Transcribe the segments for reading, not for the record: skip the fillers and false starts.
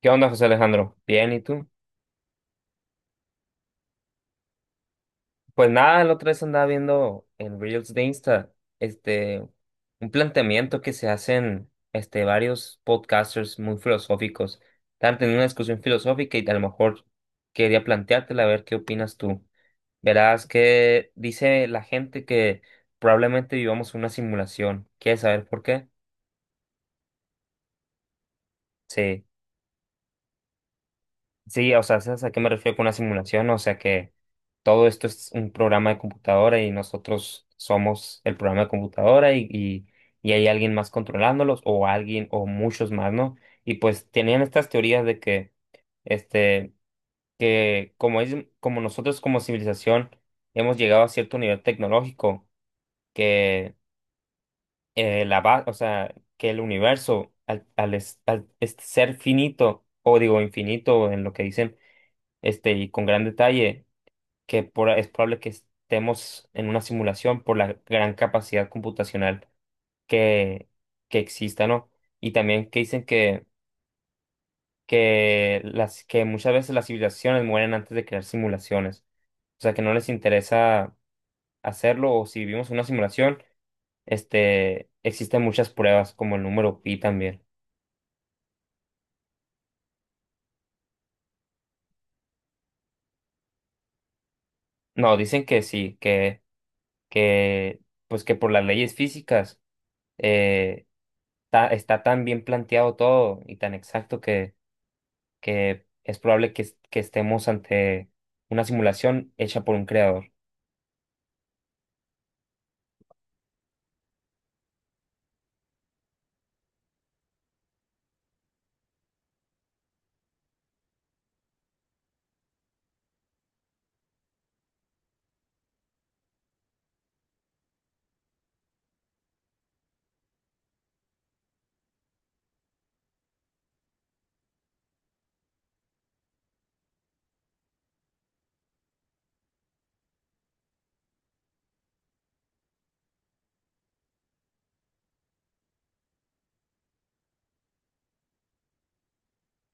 ¿Qué onda, José Alejandro? Bien, ¿y tú? Pues nada, la otra vez andaba viendo en Reels de Insta, este, un planteamiento que se hacen, varios podcasters muy filosóficos. Estaban teniendo una discusión filosófica y a lo mejor quería planteártela, a ver qué opinas tú. Verás que dice la gente que probablemente vivamos una simulación. ¿Quieres saber por qué? Sí. Sí, o sea, ¿sabes a qué me refiero con una simulación? O sea que todo esto es un programa de computadora y nosotros somos el programa de computadora y hay alguien más controlándolos o alguien o muchos más, ¿no? Y pues tenían estas teorías de que, este, como nosotros como civilización hemos llegado a cierto nivel tecnológico, que la base, o sea, que el universo al ser finito, o digo infinito en lo que dicen y con gran detalle, que es probable que estemos en una simulación por la gran capacidad computacional que, que exista, ¿no? Y también que dicen que, que muchas veces las civilizaciones mueren antes de crear simulaciones, o sea, que no les interesa hacerlo o si vivimos en una simulación, existen muchas pruebas como el número pi también. No, dicen que sí, que, pues que por las leyes físicas, eh, está tan bien planteado todo y tan exacto que es probable que estemos ante una simulación hecha por un creador.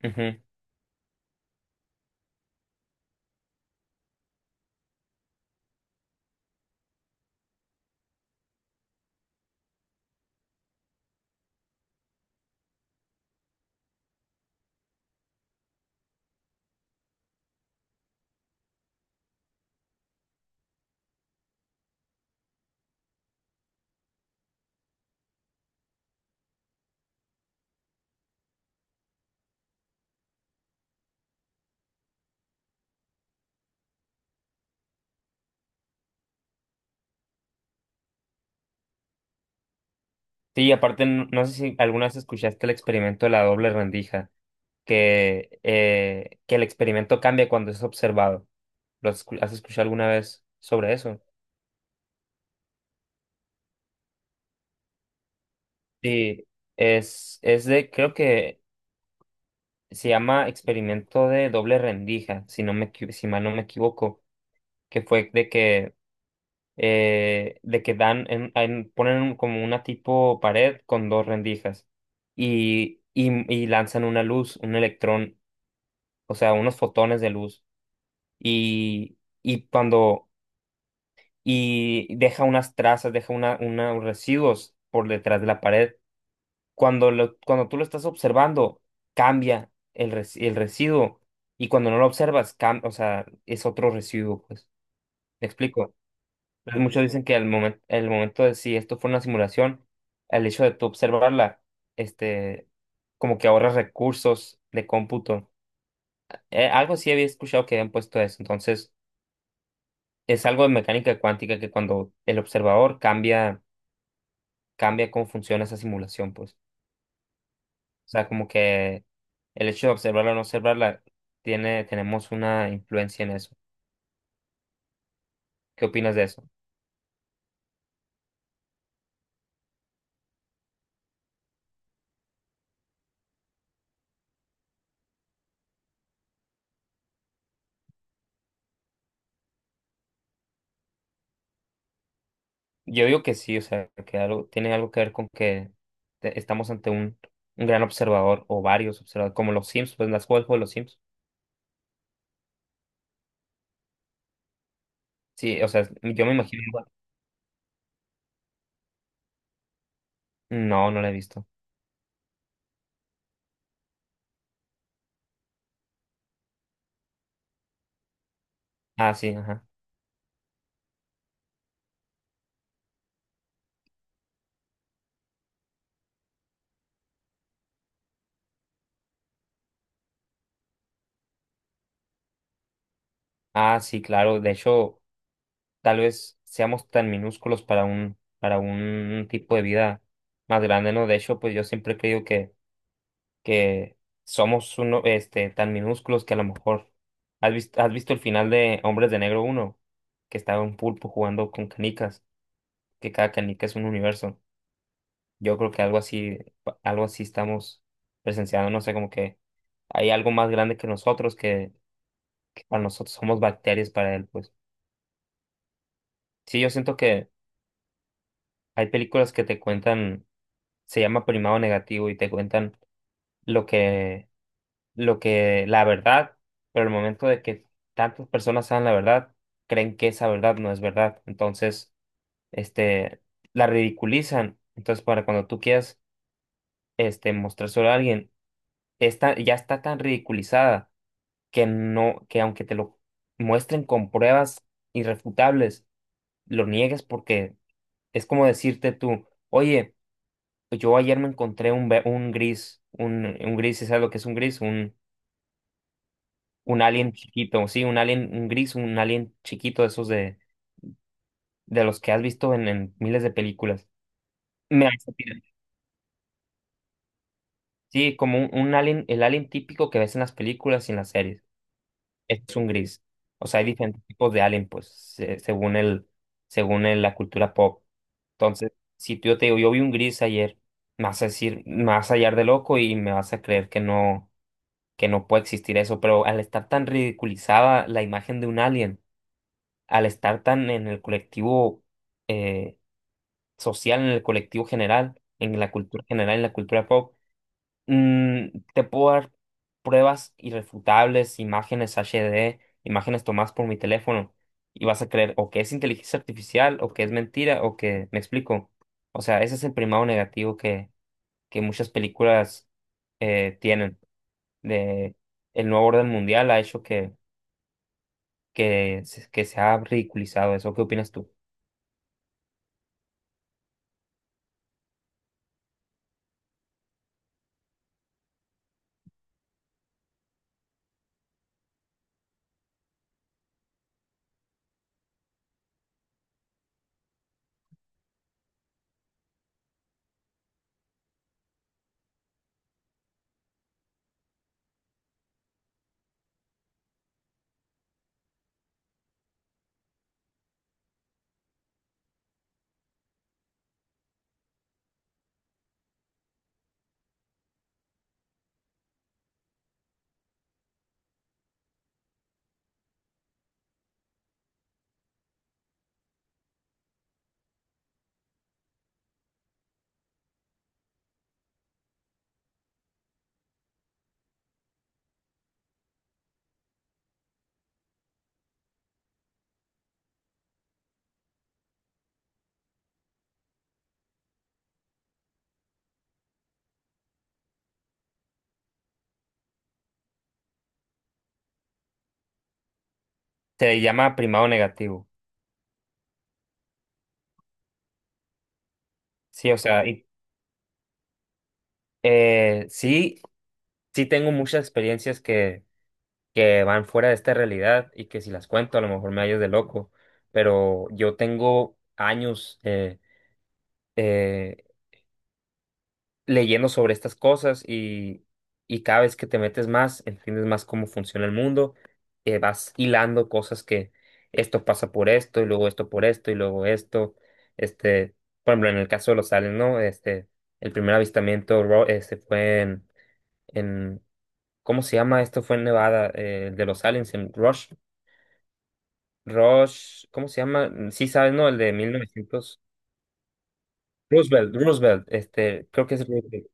Ujú. Sí, aparte, no sé si alguna vez escuchaste el experimento de la doble rendija, que el experimento cambia cuando es observado. ¿Lo has escuchado alguna vez sobre eso? Sí, es de, creo que se llama experimento de doble rendija, si mal no me equivoco, que fue de que ponen como una tipo pared con dos rendijas y lanzan una luz, un electrón, o sea, unos fotones de luz y, y cuando y deja unas trazas, deja unos residuos por detrás de la pared. Cuando tú lo estás observando, cambia el residuo y cuando no lo observas, o sea, es otro residuo, pues. ¿Me explico? Entonces, muchos dicen que el momento de si esto fue una simulación, el hecho de tú observarla, este, como que ahorras recursos de cómputo. Algo sí había escuchado que habían puesto eso. Entonces, es algo de mecánica cuántica que cuando el observador cambia, cambia cómo funciona esa simulación, pues. O sea, como que el hecho de observarla o no observarla, tenemos una influencia en eso. ¿Qué opinas de eso? Yo digo que sí, o sea, que algo, tiene algo que ver con que estamos ante un gran observador o varios observadores, como los Sims, pues las juego de los Sims. Sí, o sea, yo me imagino igual. No, no la he visto. Ah, sí, ajá. Ah, sí, claro. De hecho, tal vez seamos tan minúsculos para un tipo de vida más grande, ¿no? De hecho, pues yo siempre he creído que somos uno, tan minúsculos que a lo mejor has visto el final de Hombres de Negro uno que estaba un pulpo jugando con canicas, que cada canica es un universo. Yo creo que algo así, algo así estamos presenciando, no sé, como que hay algo más grande que nosotros, que para nosotros somos bacterias para él, pues. Sí, yo siento que hay películas que te cuentan, se llama primado negativo y te cuentan lo que, la verdad, pero el momento de que tantas personas saben la verdad, creen que esa verdad no es verdad. Entonces, este, la ridiculizan. Entonces, para cuando tú quieras, mostrárselo a alguien ya está tan ridiculizada que no, que aunque te lo muestren con pruebas irrefutables, lo niegues porque es como decirte tú, oye, pues yo ayer me encontré un gris, ¿sabes lo que es un gris? Un alien chiquito, sí, un alien, un gris, un alien chiquito de esos de, los que has visto en miles de películas. Me hace tirar. Sí, como un alien, el alien típico que ves en las películas y en las series. Este es un gris. O sea, hay diferentes tipos de alien, pues, según la cultura pop. Entonces, si tú- yo te digo, yo vi un gris ayer, me vas a hallar de loco y me vas a creer que no puede existir eso. Pero al estar tan ridiculizada la imagen de un alien, al estar tan en el colectivo eh, social, en el colectivo general, en la cultura general, en la cultura pop Mm, te puedo dar pruebas irrefutables, imágenes HD, imágenes tomadas por mi teléfono, y vas a creer o que es inteligencia artificial, o que es mentira, o que me explico. O sea, ese es el primado negativo que muchas películas tienen. De, el nuevo orden mundial ha hecho que, que se ha ridiculizado eso. ¿Qué opinas tú? Se llama primado negativo. Sí, o sea, eh, sí, sí tengo muchas experiencias que van fuera de esta realidad y que si las cuento a lo mejor me hallas de loco, pero yo tengo años eh, leyendo sobre estas cosas y cada vez que te metes más, entiendes más cómo funciona el mundo, vas hilando cosas que esto pasa por esto y luego esto por esto y luego esto, este, por ejemplo, en el caso de los aliens, ¿no? El primer avistamiento fue en, ¿cómo se llama? Esto fue en Nevada, el de los aliens en Rush. Rush, ¿cómo se llama? Sí sabes, ¿no? El de 1900. Roosevelt, Roosevelt, creo que es Roosevelt.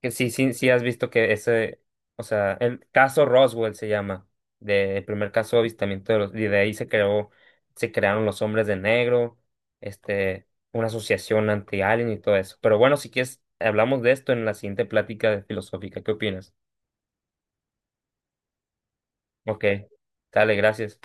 Que sí, sí, sí has visto que ese, o sea, el caso Roswell se llama, el primer caso de avistamiento y de ahí se crearon los Hombres de Negro, este, una asociación anti-alien y todo eso. Pero bueno, si quieres, hablamos de esto en la siguiente plática de filosófica. ¿Qué opinas? Ok, dale, gracias.